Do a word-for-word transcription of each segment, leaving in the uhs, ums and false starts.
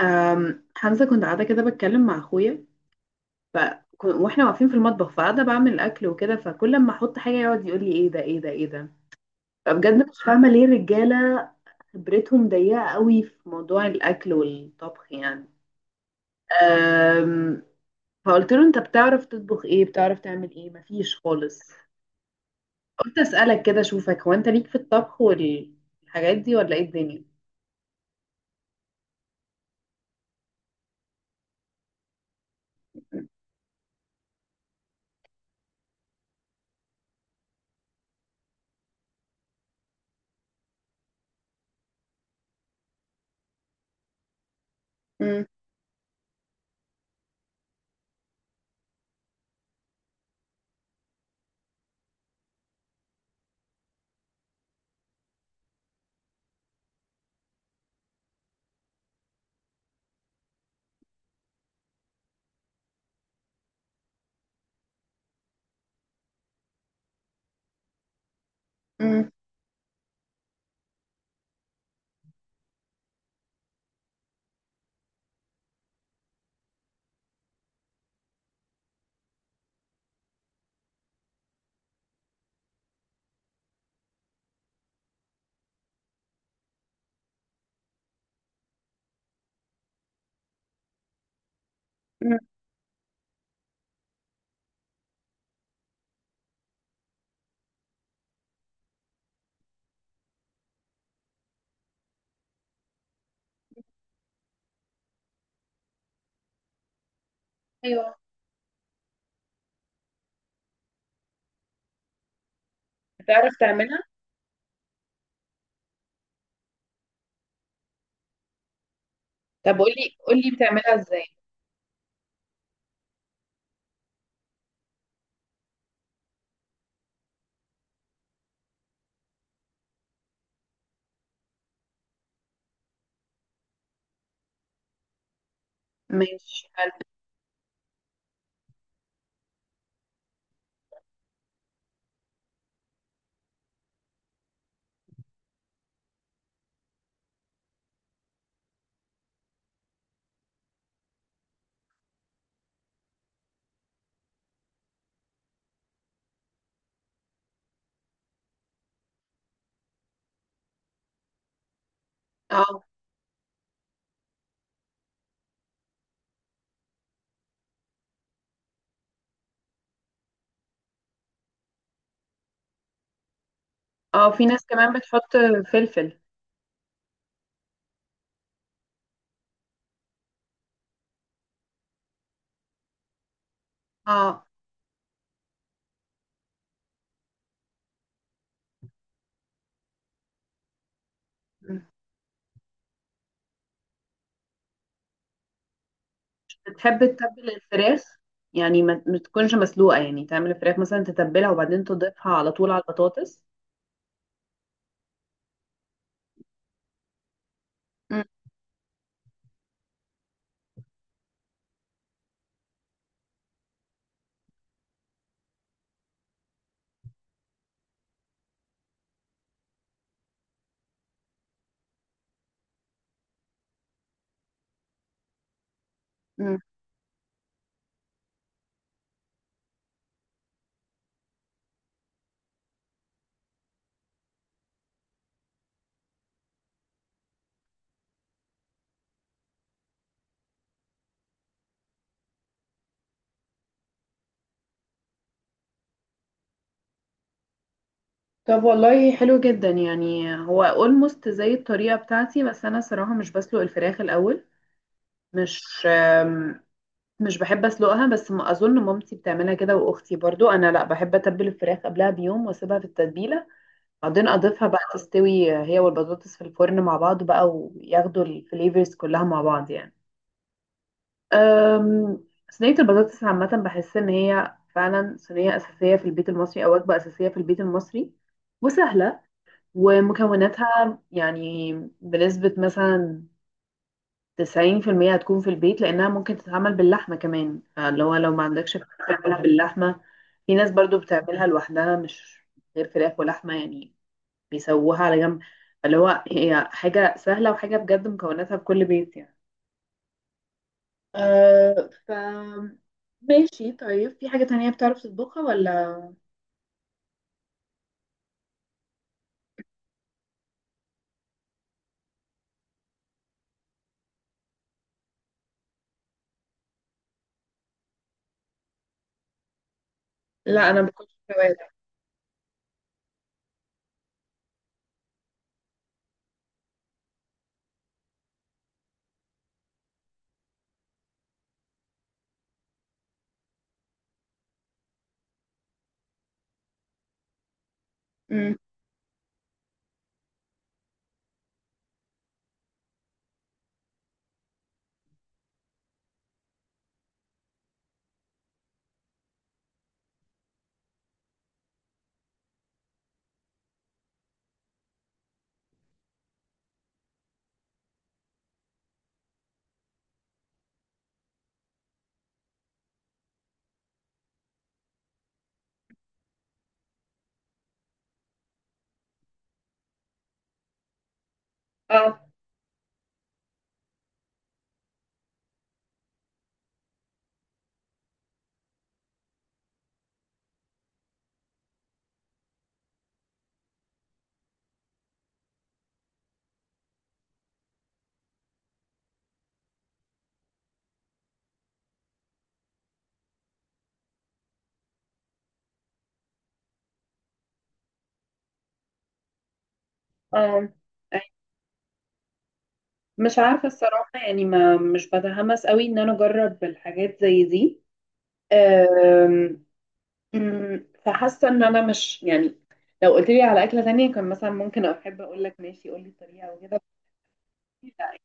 أم، حمزة كنت قاعدة كده بتكلم مع أخويا ف... كن- واحنا واقفين في المطبخ، فقاعدة بعمل أكل وكده، فكل ما أحط حاجة يقعد يقول لي إيه ده، إيه ده، إيه ده. فبجد مش فاهمة ليه الرجالة خبرتهم ضيقة قوي في موضوع الأكل والطبخ يعني. أم... فقلت له أنت بتعرف تطبخ إيه، بتعرف تعمل إيه؟ مفيش خالص. قلت أسألك كده أشوفك، هو أنت ليك في الطبخ والحاجات دي ولا إيه الدنيا؟ مم. مم. مم. ايوه. بتعرف تعملها؟ طب قولي قولي بتعملها ازاي؟ ماشي. اه. اه، في ناس كمان بتحط فلفل. اه. مش بتحب تتبل الفراخ؟ يعني ما ما تكونش مسلوقة، يعني تعمل الفراخ مثلا تتبلها وبعدين تضيفها على طول على البطاطس. مم. مم. طب والله حلو جدا، يعني هو اولموست زي الطريقة بتاعتي، بس انا صراحة مش بسلق الفراخ الاول، مش آم، مش بحب اسلقها، بس ما اظن مامتي بتعملها كده واختي برضو. انا لا، بحب اتبل الفراخ قبلها بيوم واسيبها في التتبيلة، بعدين اضيفها بقى تستوي هي والبطاطس في الفرن مع بعض بقى، وياخدوا الفليفرز كلها مع بعض يعني. أم، صينية البطاطس عامة، بحس ان هي فعلا صينية اساسية في البيت المصري، او وجبة اساسية في البيت المصري، وسهلة، ومكوناتها يعني بنسبة مثلا تسعين في المية هتكون في البيت، لانها ممكن تتعمل باللحمة كمان، اللي هو لو ما عندكش فراخ تعملها باللحمة. في ناس برضو بتعملها لوحدها، مش غير فراخ ولحمة يعني، بيسووها على جنب. اللي هو هي حاجة سهلة، وحاجة بجد مكوناتها في كل بيت يعني. أه، ف ماشي، طيب في حاجة تانية بتعرف تطبخها ولا؟ لا، أنا باكلش فواتح. أمم. اه. اه. أي. مش عارفة الصراحة، يعني ما مش بتحمس قوي إن أنا أجرب الحاجات زي دي. أم، أمم، فحاسة إن أنا مش يعني، لو قلت لي على أكلة تانية كان مثلا ممكن أحب أقول لك ماشي قول لي الطريقة وكده.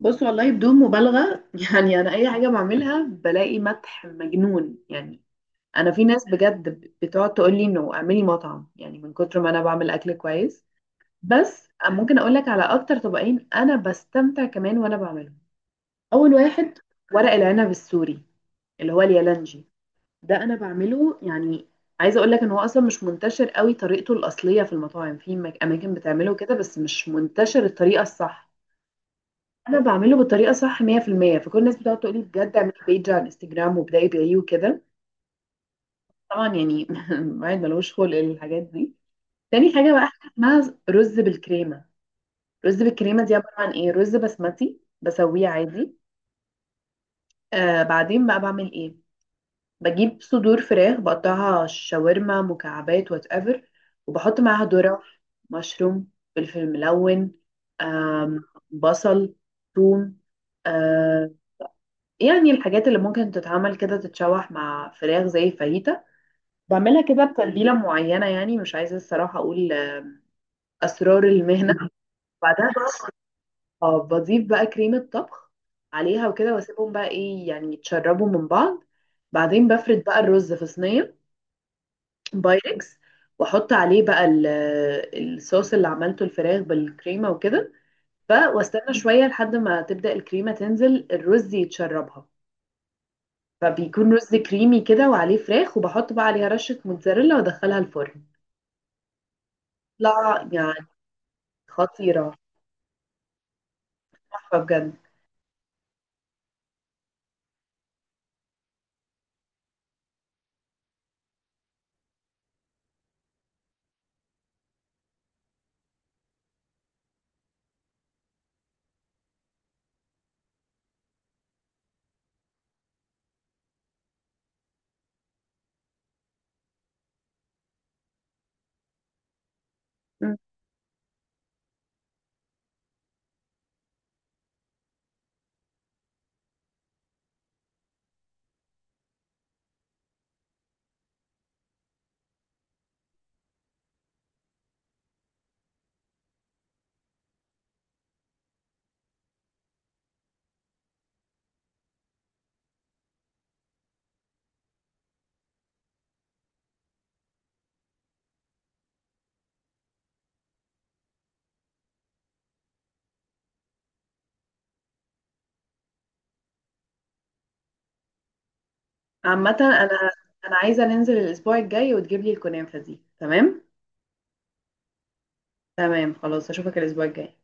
بص والله بدون مبالغة يعني أنا أي حاجة بعملها بلاقي مدح مجنون يعني. أنا في ناس بجد بتقعد تقول لي إنه اعملي مطعم، يعني من كتر ما أنا بعمل أكل كويس. بس ممكن أقول لك على أكتر طبقين أنا بستمتع كمان وأنا بعملهم. أول واحد ورق العنب السوري، اللي هو اليالنجي، ده أنا بعمله يعني. عايزة أقول لك إن هو أصلا مش منتشر قوي طريقته الأصلية في المطاعم، في مك- أماكن بتعمله كده بس مش منتشر الطريقة الصح. انا بعمله بالطريقه صح مية في المية، فكل الناس بتقعد تقول لي بجد اعملي بيج على الانستجرام وابداي بايه وكده. طبعا يعني الواحد ملوش خلق للحاجات دي. تاني حاجه بقى، حاجة اسمها رز بالكريمه. رز بالكريمه دي عباره عن ايه، رز بسمتي بسويه عادي. آه، بعدين بقى بعمل ايه، بجيب صدور فراخ بقطعها شاورما مكعبات وات ايفر، وبحط معاها ذره، مشروم، فلفل ملون، آم، بصل، ثوم، آه، يعني الحاجات اللي ممكن تتعمل كده تتشوح مع فراخ زي الفاهيتا. بعملها كده بتتبيلة معينة، يعني مش عايزة الصراحة أقول أسرار المهنة. بعدها بقى آه، بضيف بقى كريمة طبخ عليها وكده، واسيبهم بقى ايه يعني يتشربوا من بعض. بعدين بفرد بقى الرز في صينية بايركس، واحط عليه بقى ال- الصوص اللي عملته الفراخ بالكريمة وكده. ف- واستنى شوية لحد ما تبدأ الكريمة تنزل الرز يتشربها، فبيكون رز كريمي كده وعليه فراخ، وبحط بقى عليها رشة موتزاريلا وادخلها الفرن. لا يعني، خطيرة، تحفة بجد. مم. عامة انا، انا عايزة ننزل الاسبوع الجاي وتجيب لي الكنافة دي، تمام؟ تمام خلاص، اشوفك الاسبوع الجاي.